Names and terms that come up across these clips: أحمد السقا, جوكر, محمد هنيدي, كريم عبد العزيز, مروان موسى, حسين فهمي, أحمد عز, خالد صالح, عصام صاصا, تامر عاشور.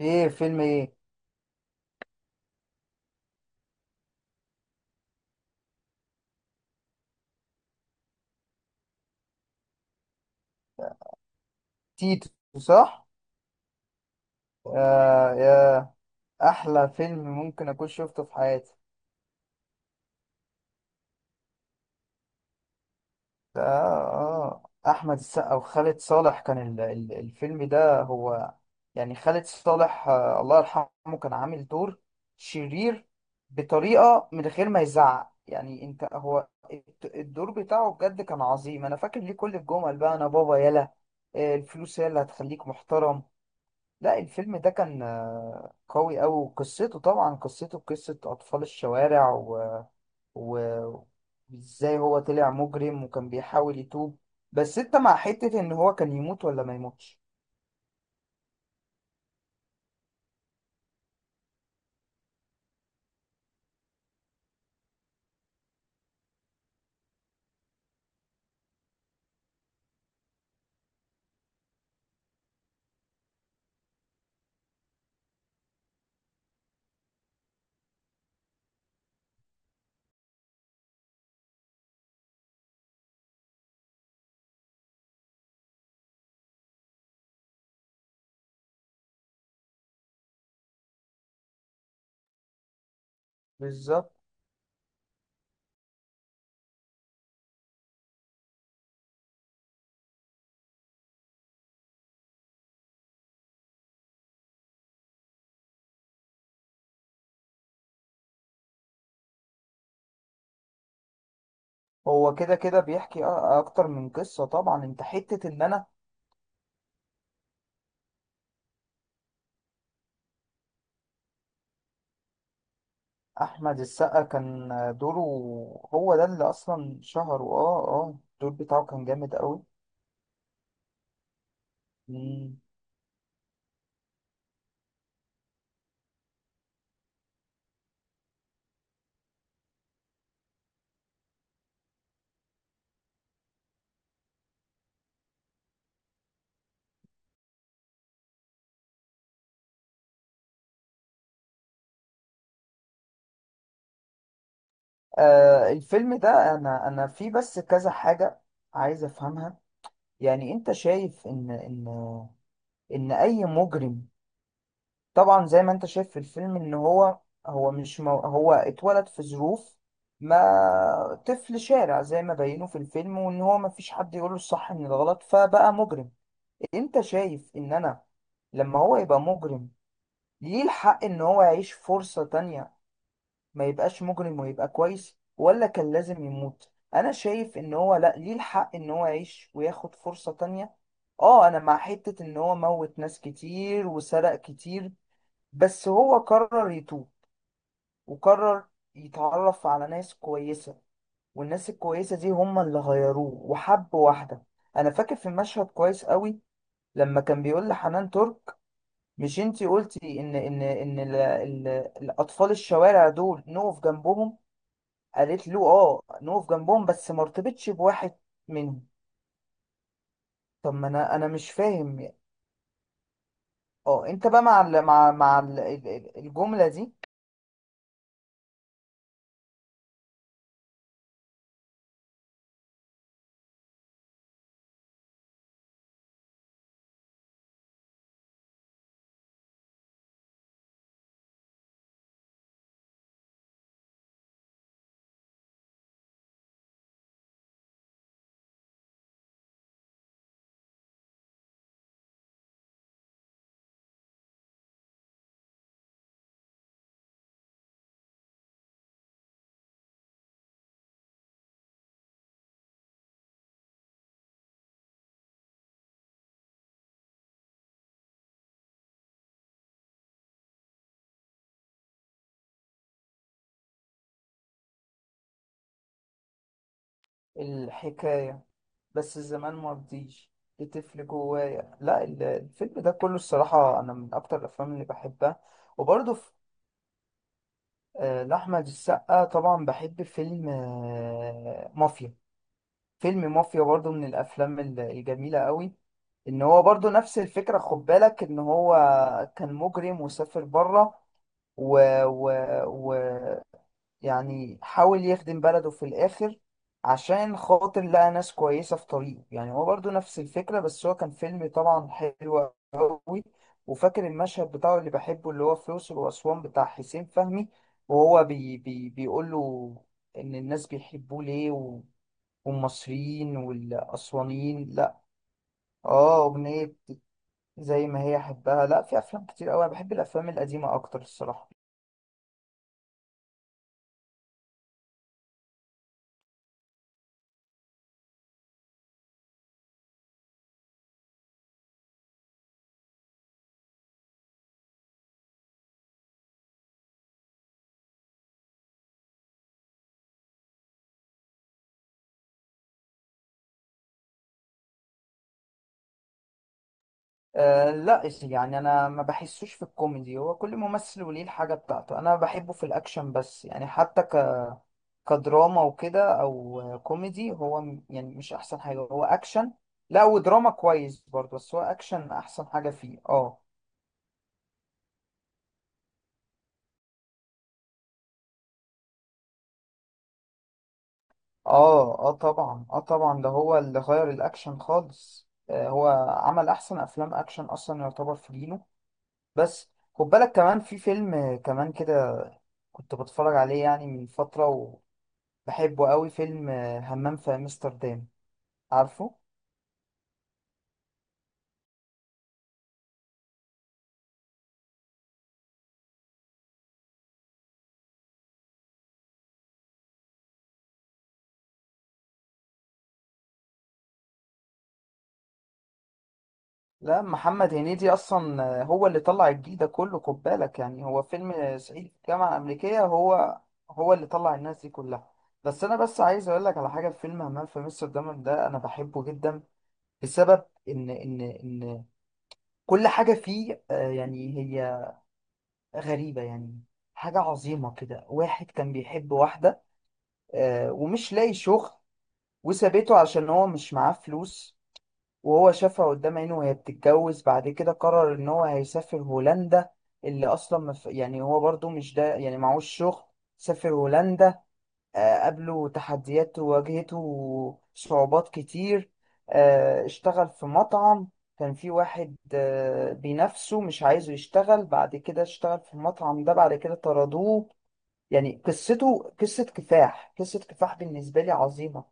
ايه فيلم ايه؟ تيتو. صح. آه، احلى فيلم ممكن اكون شفته في حياتي. ده احمد السقا وخالد صالح، كان الفيلم ده هو. يعني خالد صالح، الله يرحمه، كان عامل دور شرير بطريقة من غير ما يزعق. يعني انت، هو الدور بتاعه بجد كان عظيم. انا فاكر ليه كل الجمل بقى: انا بابا، يلا. الفلوس هي اللي هتخليك محترم. لا، الفيلم ده كان قوي أوي، وقصته، طبعا، قصته قصة أطفال الشوارع، و... وإزاي هو طلع مجرم وكان بيحاول يتوب. بس أنت مع حتة إن هو كان يموت ولا ما يموتش؟ بالظبط. هو كده كده بيحكي أكتر من قصة، طبعا. أنت حتة إن أنا. أحمد السقا كان، دوره. هو ده اللي أصلا شهره. أه أه الدور بتاعه كان جامد أوي. مم. آه، الفيلم ده، أنا فيه بس كذا حاجة عايز أفهمها. يعني انت شايف ان اي مجرم، طبعا، زي ما انت شايف في الفيلم، ان هو، هو مش مو هو اتولد في ظروف، ما طفل شارع زي ما بينوا في الفيلم، وان هو ما فيش حد يقوله الصح من الغلط فبقى مجرم. انت شايف ان انا، لما هو يبقى مجرم، ليه الحق ان هو يعيش فرصة تانية، ما يبقاش مجرم ويبقى كويس، ولا كان لازم يموت؟ انا شايف ان هو، لا، ليه الحق ان هو يعيش وياخد فرصة تانية. اه، انا مع حتة ان هو موت ناس كتير وسرق كتير، بس هو قرر يتوب، وقرر يتعرف على ناس كويسة، والناس الكويسة دي هم اللي غيروه، وحب واحدة. انا فاكر في مشهد كويس قوي، لما كان بيقول لحنان ترك: مش انتي قلتي ان الاطفال الشوارع دول نقف جنبهم؟ قالت له: اه، نقف جنبهم بس ما ارتبطش بواحد منهم. طب ما انا مش فاهم يعني. اه، انت بقى مع ال مع مع ال ال- الجملة دي. الحكاية بس الزمان ما رضيش بتفل جوايا. لا، الفيلم ده كله الصراحة، انا من اكتر الافلام اللي بحبها. وبرضه في، لأحمد السقا طبعا، بحب فيلم مافيا. فيلم مافيا برضو من الافلام الجميله قوي. ان هو برضو نفس الفكره، خد بالك، ان هو كان مجرم وسافر بره، و... و... و يعني حاول يخدم بلده في الاخر عشان خاطر لقى ناس كويسه في طريقه. يعني هو برضو نفس الفكره، بس هو كان فيلم طبعا حلو قوي. وفاكر المشهد بتاعه اللي بحبه، اللي هو في الأقصر وأسوان، بتاع حسين فهمي، وهو بيقول له ان الناس بيحبوه ليه، والمصريين والأسوانيين، لا. اه، أغنية زي ما هي أحبها. لا، في أفلام كتير أوي، أنا بحب الأفلام القديمة أكتر الصراحة. أه، لا يعني، أنا ما بحسوش في الكوميدي. هو كل ممثل وليه الحاجة بتاعته. أنا بحبه في الأكشن بس، يعني حتى كدراما وكده أو كوميدي، هو يعني مش أحسن حاجة، هو أكشن. لا، ودراما كويس برضه، بس هو أكشن أحسن حاجة فيه. اه. اه، طبعا، اه طبعا، ده هو اللي غير الاكشن خالص. هو عمل احسن افلام اكشن، اصلا يعتبر في جيله. بس خد بالك كمان، في فيلم كمان كده كنت بتفرج عليه يعني من فترة، وبحبه قوي، فيلم همام في امستردام. عارفه؟ لا، محمد هنيدي اصلا هو اللي طلع الجيل ده كله. خد بالك، يعني هو فيلم صعيدي في الجامعة الامريكية، هو اللي طلع الناس دي كلها. بس انا بس عايز اقول لك على حاجه، في فيلم همام في امستردام ده، انا بحبه جدا. السبب ان كل حاجه فيه، يعني، هي غريبه يعني، حاجه عظيمه كده. واحد كان بيحب واحده، ومش لاقي شغل، وسابته عشان هو مش معاه فلوس، وهو شافها قدام عينه وهي بتتجوز. بعد كده قرر ان هو هيسافر هولندا، اللي اصلا يعني هو برضو مش ده، يعني معهوش شغل. سافر هولندا، قابله تحديات وواجهته صعوبات كتير. اشتغل في مطعم، كان في واحد بينافسه مش عايزه يشتغل. بعد كده اشتغل في المطعم ده، بعد كده طردوه. يعني قصته قصة كفاح، قصة كفاح بالنسبة لي عظيمة.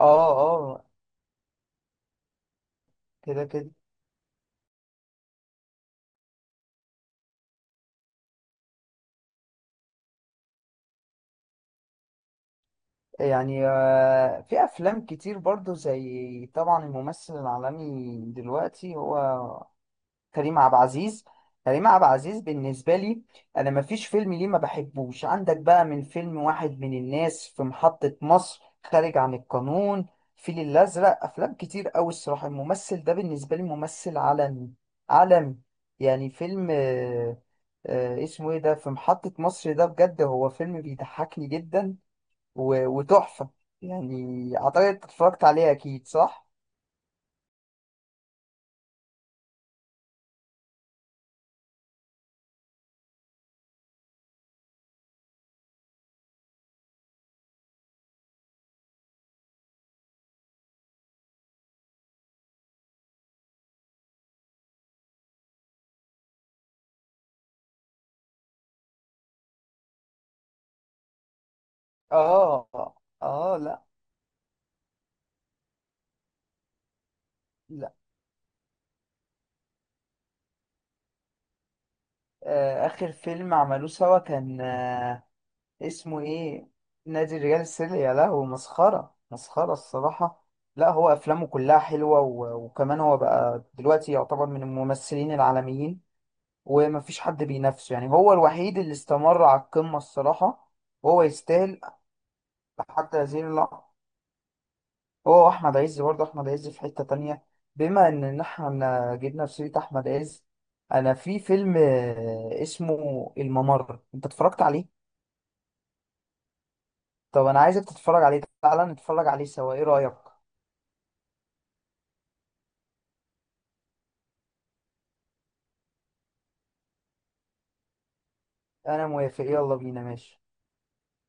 اه، اه، كده كده يعني. في أفلام كتير برضو، زي طبعا الممثل العالمي دلوقتي، هو كريم عبد العزيز. كريم عبد العزيز بالنسبة لي، أنا مفيش فيلم ليه ما بحبوش. عندك بقى من فيلم واحد من الناس، في محطة مصر، خارج عن القانون، فيل الأزرق. أفلام كتير أوي الصراحة، الممثل ده بالنسبة لي ممثل عالمي، عالمي يعني. فيلم اسمه إيه ده، في محطة مصر ده، بجد هو فيلم بيضحكني جدا و- وتحفة يعني. أعتقد اتفرجت عليه أكيد، صح؟ آه، آه، لا. آخر فيلم عملوه سوا كان، اسمه إيه؟ نادي الرجال السري. يا لهوي، مسخرة، مسخرة الصراحة. لا، هو أفلامه كلها حلوة، و- وكمان هو بقى دلوقتي يعتبر من الممثلين العالميين، ومفيش حد بينافسه. يعني هو الوحيد اللي استمر على القمة الصراحة. وهو يستاهل حتى هذه اللحظة. هو وأحمد عز برضه، أحمد عز في حتة تانية. بما إن إحنا جبنا في سيرة أحمد عز، أنا في فيلم اسمه الممر، أنت اتفرجت عليه؟ طب انا عايزك تتفرج عليه، تعالى نتفرج عليه سوا، ايه رأيك؟ انا موافق، يلا بينا، ماشي.